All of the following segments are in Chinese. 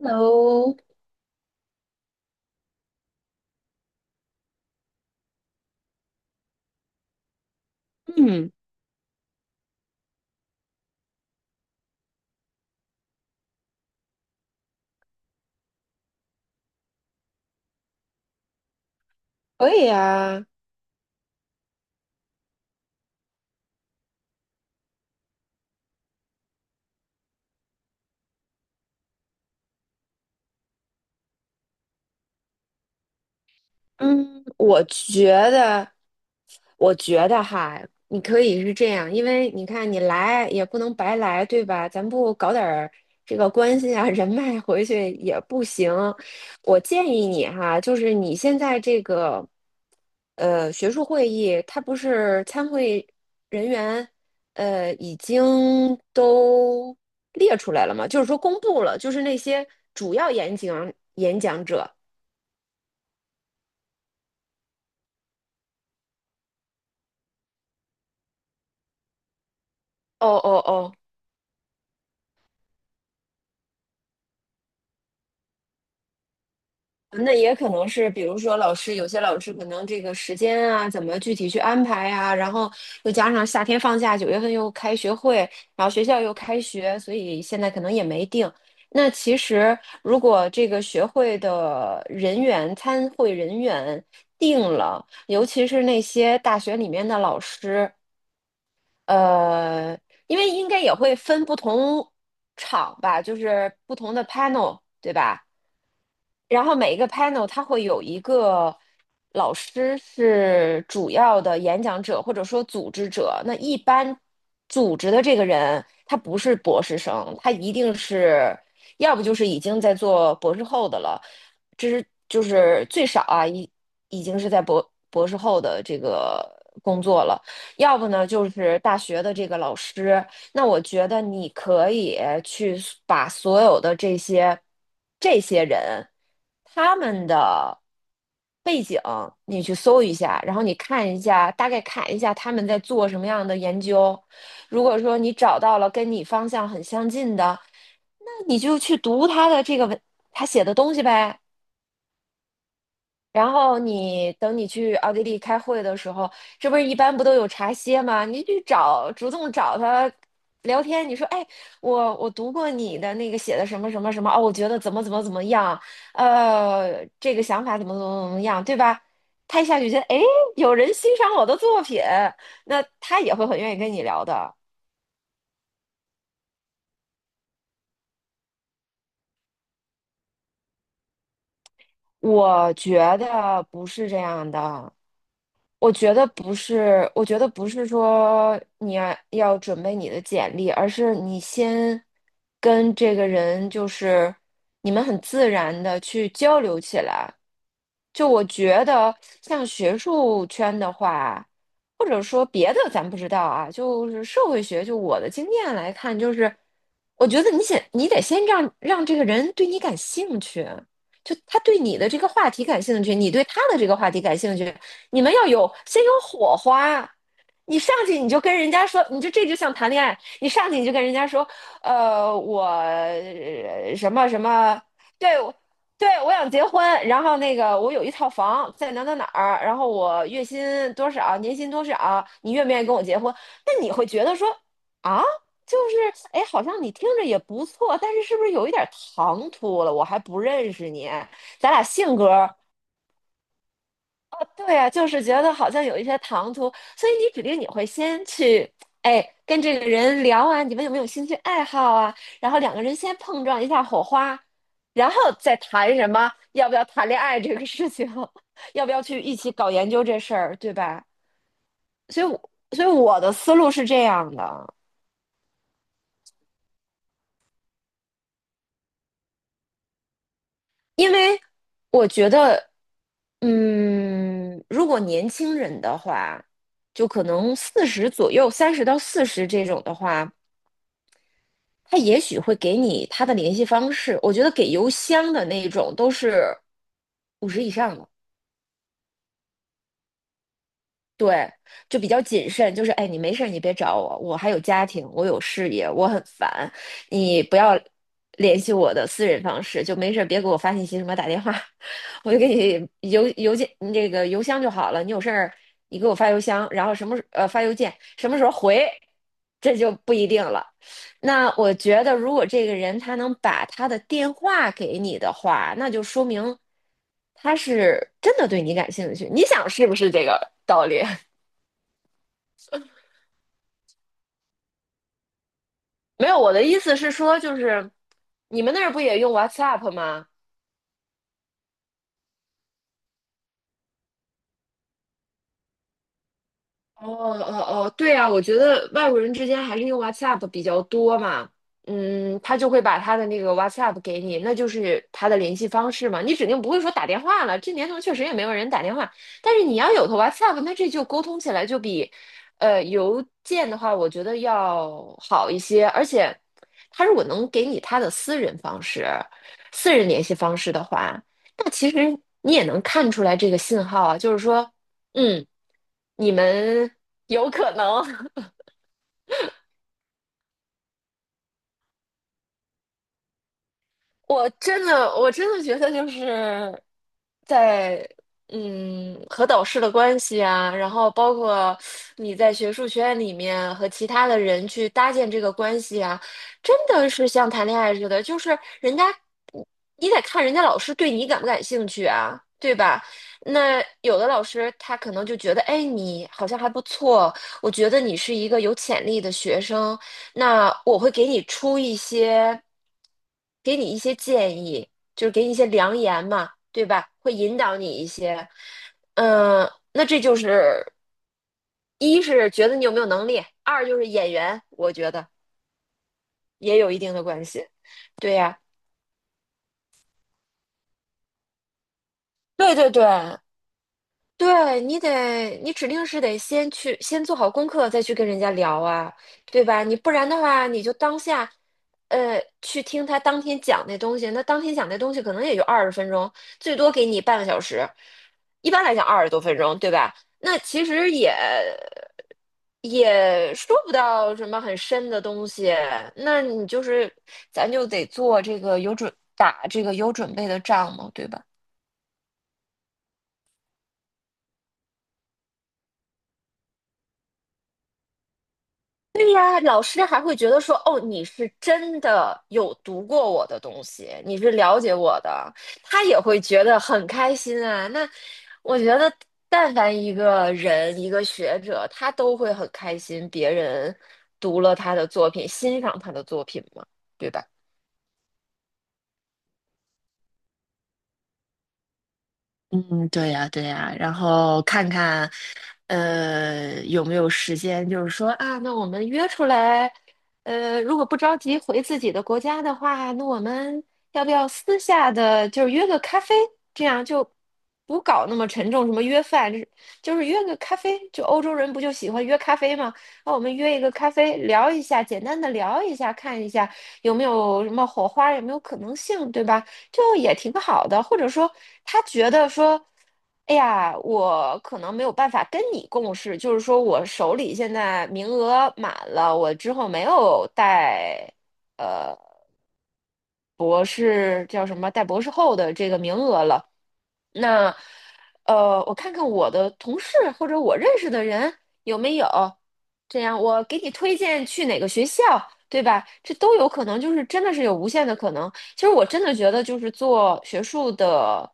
Hello。嗯，可以啊。嗯，我觉得，我觉得哈，你可以是这样，因为你看你来也不能白来，对吧？咱不搞点儿这个关系啊、人脉回去也不行。我建议你哈，就是你现在这个学术会议，它不是参会人员已经都列出来了吗？就是说公布了，就是那些主要演讲者。哦哦哦。那也可能是，比如说老师，有些老师可能这个时间啊，怎么具体去安排呀、然后又加上夏天放假，九月份又开学会，然后学校又开学，所以现在可能也没定。那其实如果这个学会的人员、参会人员定了，尤其是那些大学里面的老师，呃，因为应该也会分不同场吧，就是不同的 panel，对吧？然后每一个 panel 它会有一个老师是主要的演讲者或者说组织者。那一般组织的这个人，他不是博士生，他一定是要不就是已经在做博士后的了，这是就是最少啊，已经是在博士后的这个工作了。要不呢，就是大学的这个老师，那我觉得你可以去把所有的这些人他们的背景，你去搜一下，然后你看一下，大概看一下他们在做什么样的研究。如果说你找到了跟你方向很相近的，那你就去读他的这个文，他写的东西呗。然后你等你去奥地利开会的时候，这不是一般不都有茶歇吗？你去找，主动找他聊天。你说，哎，我读过你的那个写的什么什么什么，哦，我觉得怎么怎么怎么样，这个想法怎么怎么怎么样，对吧？他一下就觉得，哎，有人欣赏我的作品，那他也会很愿意跟你聊的。我觉得不是这样的，我觉得不是，我觉得不是说你要准备你的简历，而是你先跟这个人就是你们很自然的去交流起来。就我觉得像学术圈的话，或者说别的咱不知道啊，就是社会学，就我的经验来看，就是我觉得你先你得先让这个人对你感兴趣。就他对你的这个话题感兴趣，你对他的这个话题感兴趣，你们要有先有火花。你上去你就跟人家说，你就这就像谈恋爱，你上去你就跟人家说，呃，我呃什么什么，对，我想结婚，然后那个我有一套房在哪哪哪儿，然后我月薪多少，年薪多少，你愿不愿意跟我结婚？那你会觉得说啊，就是哎，好像你听着也不错，但是是不是有一点儿唐突了？我还不认识你，咱俩性格。对啊，就是觉得好像有一些唐突，所以你指定你会先去，哎，跟这个人聊啊，你们有没有兴趣爱好啊？然后两个人先碰撞一下火花，然后再谈什么要不要谈恋爱这个事情，要不要去一起搞研究这事儿，对吧？所以我的思路是这样的，因为我觉得，嗯，如果年轻人的话，就可能四十左右，30到40这种的话。他也许会给你他的联系方式。我觉得给邮箱的那种都是50以上的。对，就比较谨慎，就是哎，你没事儿你别找我，我还有家庭，我有事业，我很烦，你不要联系我的私人方式，就没事儿别给我发信息什么打电话，我就给你邮件这个邮箱就好了，你有事儿你给我发邮箱，然后什么时呃发邮件，什么时候回，这就不一定了。那我觉得，如果这个人他能把他的电话给你的话，那就说明他是真的对你感兴趣。你想是不是这个道理？没有，我的意思是说，就是你们那儿不也用 WhatsApp 吗？哦哦哦，对啊，我觉得外国人之间还是用 WhatsApp 比较多嘛。嗯，他就会把他的那个 WhatsApp 给你，那就是他的联系方式嘛。你指定不会说打电话了，这年头确实也没有人打电话，但是你要有个 WhatsApp，那这就沟通起来就比邮件的话，我觉得要好一些，而且他如果能给你他的私人方式、私人联系方式的话，那其实你也能看出来这个信号啊，就是说。嗯，你们有可能，我真的，我真的觉得就是在和导师的关系啊，然后包括你在学术学院里面和其他的人去搭建这个关系啊，真的是像谈恋爱似的，就是人家你得看人家老师对你感不感兴趣啊，对吧？那有的老师他可能就觉得，哎，你好像还不错，我觉得你是一个有潜力的学生。那我会给你出一些，给你一些建议，就是给你一些良言嘛，对吧？会引导你一些，嗯，那这就是一是觉得你有没有能力，二就是演员，我觉得也有一定的关系。对呀，对对对，对，你得，你指定是得先去，先做好功课，再去跟人家聊啊，对吧？你不然的话，你就当下，去听他当天讲那东西，那当天讲那东西可能也就20分钟，最多给你半个小时，一般来讲20多分钟，对吧？那其实也说不到什么很深的东西，那你就是，咱就得做这个有准，打这个有准备的仗嘛，对吧？对呀，老师还会觉得说，哦，你是真的有读过我的东西，你是了解我的，他也会觉得很开心啊。那我觉得，但凡一个人，一个学者，他都会很开心，别人读了他的作品，欣赏他的作品嘛，对吧？嗯，对呀，对呀，然后看看，有没有时间，就是说啊，那我们约出来，如果不着急回自己的国家的话，那我们要不要私下的就是约个咖啡，这样就不搞那么沉重，什么约饭，就是约个咖啡，就欧洲人不就喜欢约咖啡吗？那我们约一个咖啡，聊一下，简单的聊一下，看一下有没有什么火花，有没有可能性，对吧？就也挺好的，或者说他觉得说，哎呀，我可能没有办法跟你共事，就是说我手里现在名额满了，我之后没有带呃，博士叫什么带博士后的这个名额了，那我看看我的同事或者我认识的人有没有，这样我给你推荐去哪个学校，对吧？这都有可能，就是真的是有无限的可能。其实我真的觉得，就是做学术的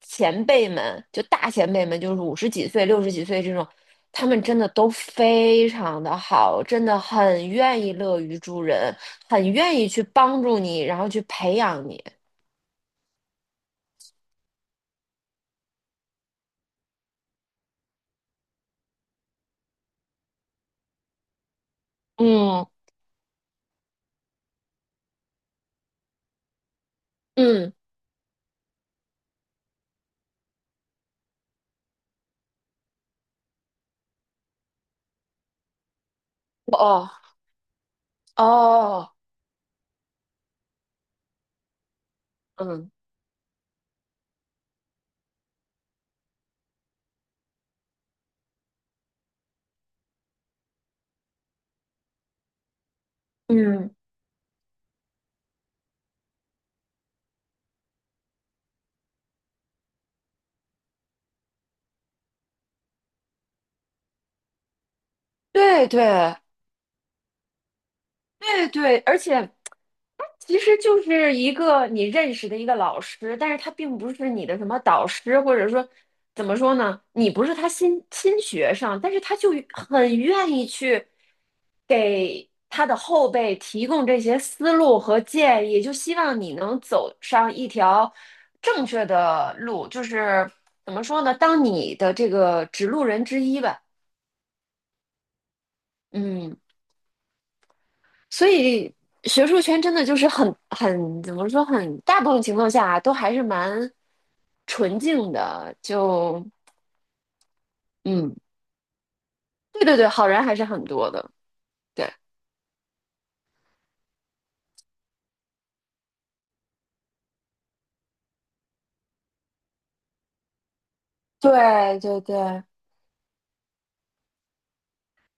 前辈们，就大前辈们，就是50几岁、60几岁这种，他们真的都非常的好，真的很愿意乐于助人，很愿意去帮助你，然后去培养你。嗯嗯，哦哦，嗯，嗯，对对对。对，而且其实就是一个你认识的一个老师，但是他并不是你的什么导师，或者说怎么说呢，你不是他新学生，但是他就很愿意去给他的后辈提供这些思路和建议，就希望你能走上一条正确的路，就是怎么说呢，当你的这个指路人之一吧。嗯。所以学术圈真的就是很怎么说很大部分情况下啊都还是蛮纯净的。就嗯，对对对，好人还是很多的，对对对。对，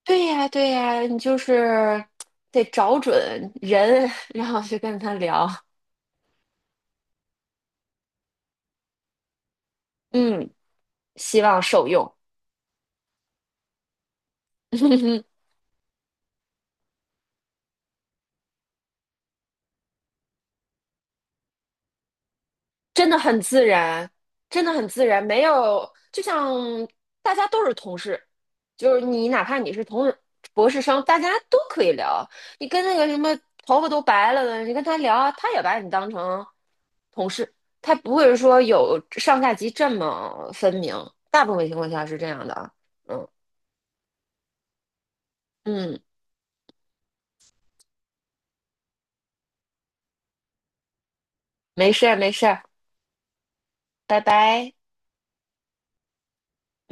对呀对呀，你就是得找准人，然后去跟他聊。嗯，希望受用。真的很自然，真的很自然，没有，就像大家都是同事，就是你哪怕你是同事博士生，大家都可以聊。你跟那个什么头发都白了的，你跟他聊，他也把你当成同事，他不会说有上下级这么分明，大部分情况下是这样的啊。嗯嗯，没事儿没事儿，拜拜。